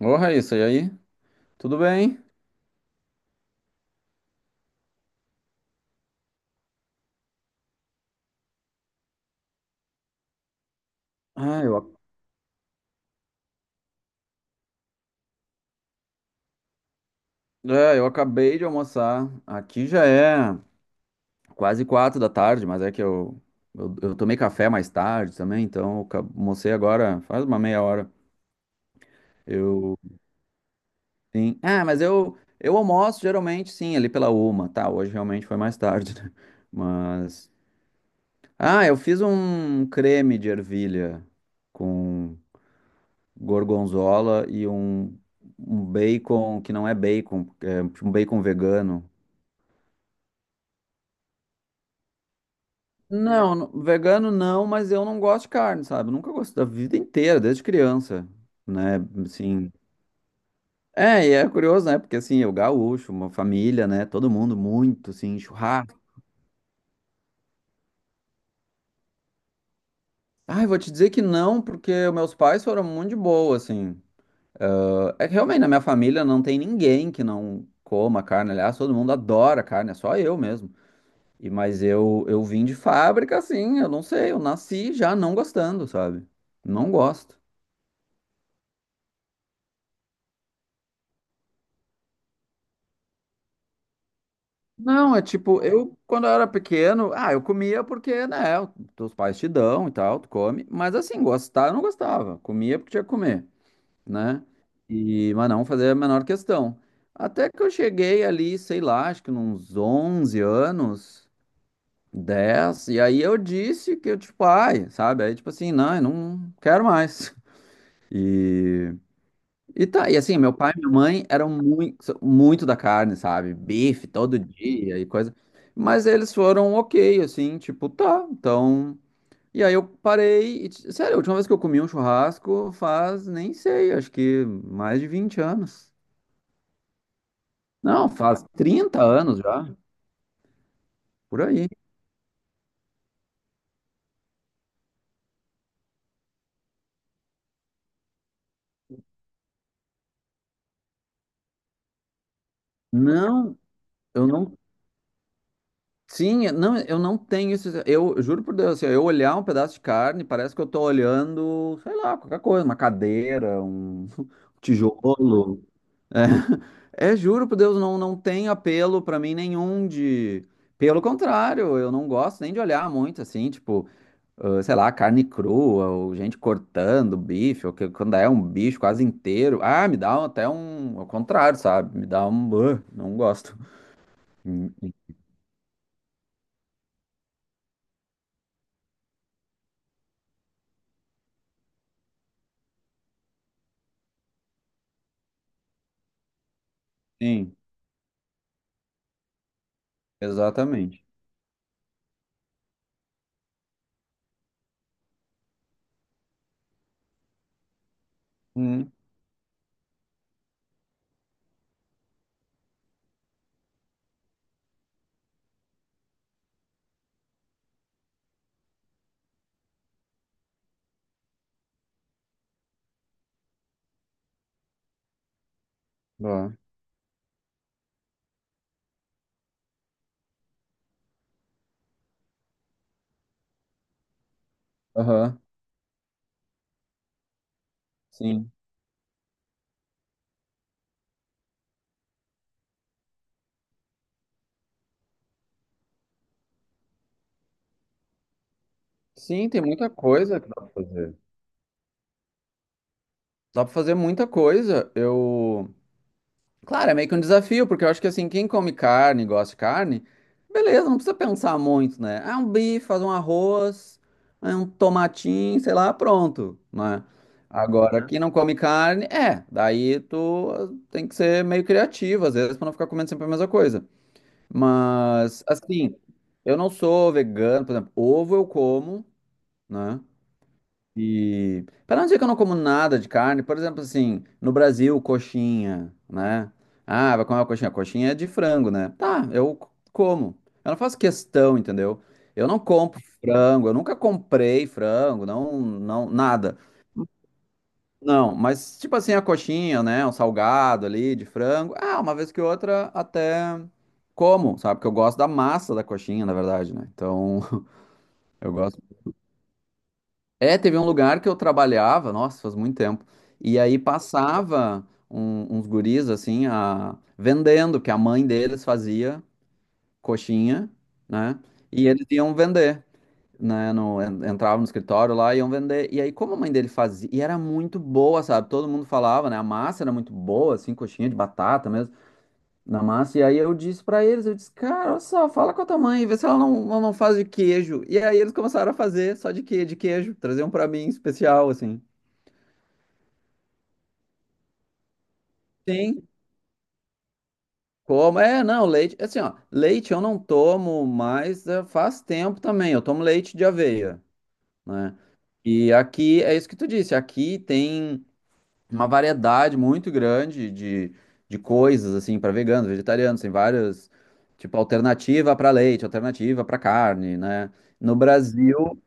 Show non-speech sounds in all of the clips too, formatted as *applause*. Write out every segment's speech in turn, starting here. Ô, Raíssa, e aí? Tudo bem? Ah, eu acabei de almoçar. Aqui já é quase 4 da tarde, mas é que eu tomei café mais tarde também, então eu almocei agora faz uma meia hora. Eu, sim. Ah, mas eu almoço geralmente, sim, ali pela uma, tá? Hoje realmente foi mais tarde, né? *laughs* Mas. Ah, eu fiz um creme de ervilha com gorgonzola e um bacon que não é bacon, é um bacon vegano. Não, vegano não, mas eu não gosto de carne, sabe? Eu nunca gostei da vida inteira, desde criança, né? Assim, e é curioso, né? Porque assim, eu gaúcho, uma família, né? Todo mundo muito, assim, churrasco. Ai, vou te dizer que não, porque meus pais foram muito de boa, assim. É que realmente na minha família não tem ninguém que não coma carne. Aliás, todo mundo adora carne, é só eu mesmo. E mas eu vim de fábrica assim, eu não sei, eu nasci já não gostando, sabe? Não gosto. Não, é tipo, eu, quando eu era pequeno, ah, eu comia porque, né, os teus pais te dão e tal, tu come, mas assim, gostar eu não gostava, comia porque tinha que comer, né, e, mas não fazia a menor questão. Até que eu cheguei ali, sei lá, acho que uns 11 anos, 10 e aí eu disse que eu, tipo, ai, sabe, aí tipo assim, não, eu não quero mais. *laughs* E e tá, e assim, meu pai e minha mãe eram muito, muito da carne, sabe? Bife todo dia e coisa. Mas eles foram ok, assim, tipo, tá, então. E aí eu parei. E, sério, a última vez que eu comi um churrasco faz, nem sei, acho que mais de 20 anos. Não, faz 30 anos já, por aí. Não, eu não. Sim, não, eu não tenho isso. Eu juro por Deus, assim, eu olhar um pedaço de carne, parece que eu tô olhando, sei lá, qualquer coisa, uma cadeira, um *laughs* tijolo. É, é, juro por Deus, não, não tem apelo pra mim nenhum de. Pelo contrário, eu não gosto nem de olhar muito assim, tipo, ah, sei lá, carne crua, ou gente cortando bife, ou quando é um bicho quase inteiro. Ah, me dá até um. Ao contrário, sabe? Me dá um. Ah, não gosto. Hum, Sim, exatamente. Hum. Boa. Aham, sim. Sim, tem muita coisa que dá pra fazer. Dá pra fazer muita coisa. Eu. Claro, é meio que um desafio, porque eu acho que assim, quem come carne, gosta de carne, beleza, não precisa pensar muito, né? Ah, um bife, faz um arroz, ah, um tomatinho, sei lá, pronto, né? Agora, né? Quem não come carne, daí tu tem que ser meio criativo, às vezes, pra não ficar comendo sempre a mesma coisa. Mas, assim, eu não sou vegano, por exemplo, ovo eu como, né? E para não dizer que eu não como nada de carne, por exemplo, assim, no Brasil, coxinha, né? Ah, vai comer uma coxinha. Coxinha é de frango, né? Tá, eu como. Eu não faço questão, entendeu? Eu não compro frango, eu nunca comprei frango, não, não, nada. Não, mas tipo assim, a coxinha, né? Um salgado ali de frango. Ah, uma vez que outra até como, sabe? Porque eu gosto da massa da coxinha, na verdade, né? Então, *laughs* eu gosto. É, teve um lugar que eu trabalhava, nossa, faz muito tempo. E aí passava uns guris assim, vendendo, que a mãe deles fazia coxinha, né? E eles iam vender, né? Entravam no escritório lá e iam vender. E aí, como a mãe dele fazia, e era muito boa, sabe? Todo mundo falava, né? A massa era muito boa, assim, coxinha de batata mesmo na massa. E aí eu disse pra eles, eu disse, cara, olha só, fala com a tua mãe, vê se ela não faz de queijo. E aí eles começaram a fazer só de queijo, traziam pra mim especial, assim. Sim. Como? É, não, leite, assim, ó, leite eu não tomo mais, faz tempo também, eu tomo leite de aveia, né? E aqui, é isso que tu disse, aqui tem uma variedade muito grande de coisas, assim, para veganos, vegetarianos, tem várias, tipo, alternativa para leite, alternativa para carne, né? No Brasil,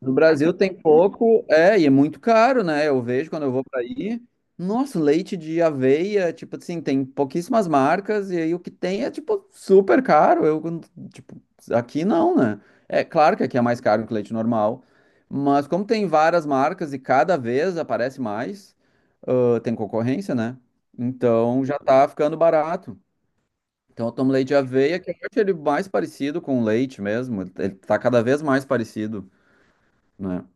no Brasil tem pouco, e é muito caro, né? Eu vejo quando eu vou para aí. Nossa, leite de aveia, tipo assim, tem pouquíssimas marcas, e aí o que tem é, tipo, super caro. Eu, tipo, aqui não, né? É claro que aqui é mais caro que leite normal, mas como tem várias marcas e cada vez aparece mais, ah, tem concorrência, né? Então já tá ficando barato. Então eu tomo leite de aveia, que eu acho ele mais parecido com leite mesmo. Ele tá cada vez mais parecido, né?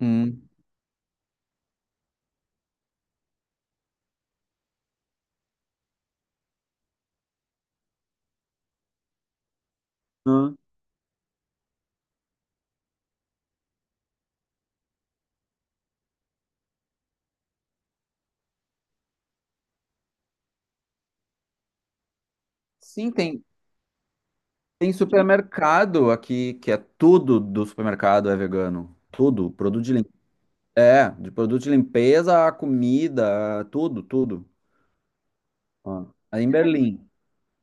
Hum. Hã? Sim, tem supermercado aqui que é tudo do supermercado é vegano. Tudo, produto de limpeza. É, de produto de limpeza a comida, a tudo, tudo. Ó, aí em Berlim.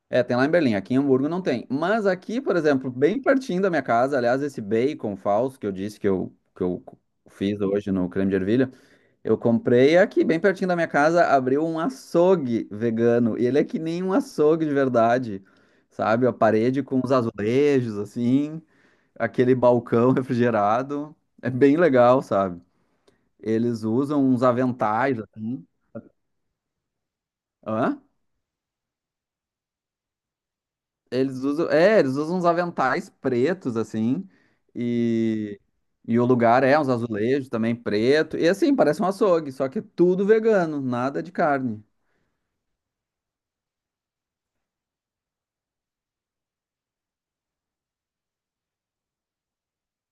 É, tem lá em Berlim. Aqui em Hamburgo não tem. Mas aqui, por exemplo, bem pertinho da minha casa, aliás, esse bacon falso que eu disse que eu fiz hoje no creme de ervilha, eu comprei aqui, bem pertinho da minha casa, abriu um açougue vegano. E ele é que nem um açougue de verdade, sabe? A parede com os azulejos, assim, aquele balcão *laughs* refrigerado. É bem legal, sabe? Eles usam uns aventais, assim. Hã? Eles usam uns aventais pretos, assim. E, e o lugar é uns azulejos também preto. E assim, parece um açougue, só que é tudo vegano, nada de carne.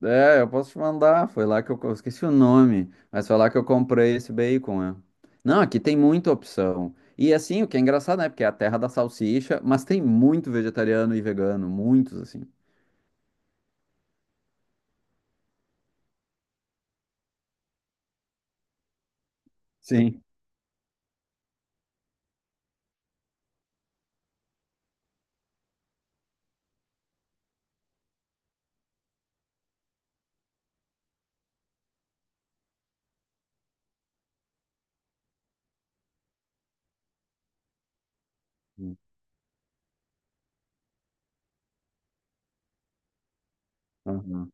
É, eu posso te mandar. Foi lá que eu esqueci o nome, mas foi lá que eu comprei esse bacon, é. Não, aqui tem muita opção. E assim, o que é engraçado, né? Porque é a terra da salsicha, mas tem muito vegetariano e vegano, muitos assim. Sim. Uhum.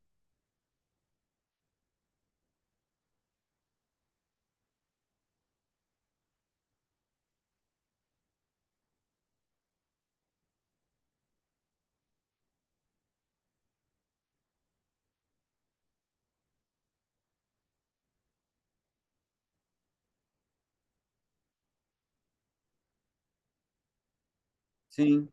Sim.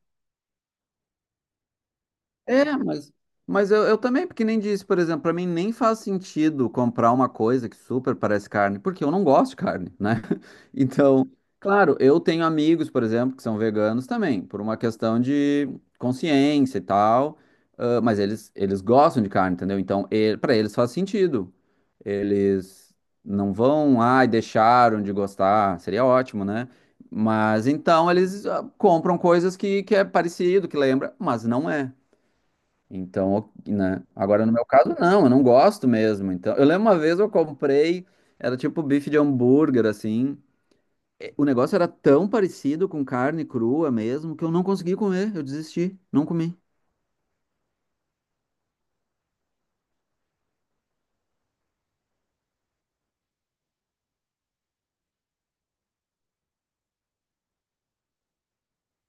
É, mas eu também, porque nem disse, por exemplo, pra mim nem faz sentido comprar uma coisa que super parece carne, porque eu não gosto de carne, né? *laughs* Então, claro, eu tenho amigos, por exemplo, que são veganos também, por uma questão de consciência e tal, ah, mas eles gostam de carne, entendeu? Então, para eles faz sentido. Eles não vão, ai, deixaram de gostar, seria ótimo, né? Mas então eles compram coisas que é parecido, que lembra, mas não é. Então, né? Agora, no meu caso, não, eu não gosto mesmo. Então, eu lembro uma vez eu comprei, era tipo bife de hambúrguer, assim. O negócio era tão parecido com carne crua mesmo que eu não consegui comer, eu desisti, não comi.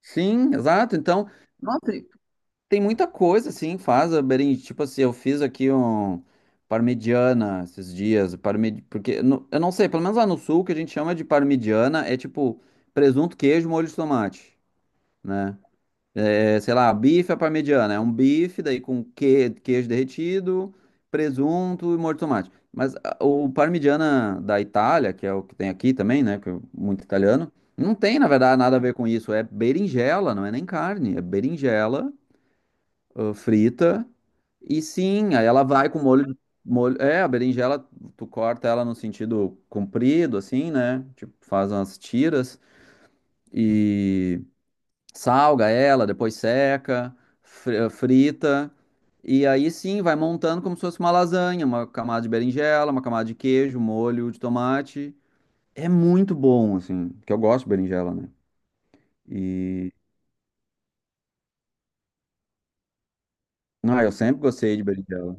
Sim, exato. Então, nossa, e tem muita coisa, assim, faz a berinjela. Tipo assim, eu fiz aqui um parmegiana esses dias, porque eu não sei, pelo menos lá no sul, o que a gente chama de parmegiana é tipo presunto, queijo, molho de tomate, né? É, sei lá, bife à parmegiana. É um bife, daí com queijo derretido, presunto e molho de tomate. Mas o parmigiana da Itália, que é o que tem aqui também, né? Que é muito italiano, não tem, na verdade, nada a ver com isso. É berinjela, não é nem carne. É berinjela, frita. E sim, aí ela vai com molho, molho. É, a berinjela, tu corta ela no sentido comprido, assim, né? Tipo, faz umas tiras. Salga ela, depois seca, frita. E aí sim, vai montando como se fosse uma lasanha, uma camada de berinjela, uma camada de queijo, molho de tomate. É muito bom, assim, porque eu gosto de berinjela, né? E. Não, eu sempre gostei de berinjela.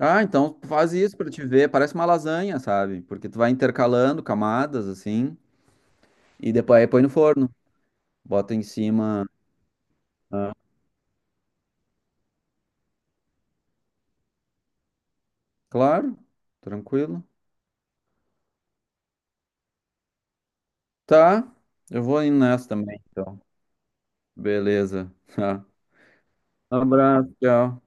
Ah, então faz isso pra te ver. Parece uma lasanha, sabe? Porque tu vai intercalando camadas, assim, e depois aí põe no forno. Bota em cima. ah, Claro, tranquilo. Tá, eu vou indo nessa também, então. Beleza. *laughs* Tá. Abraço, tchau.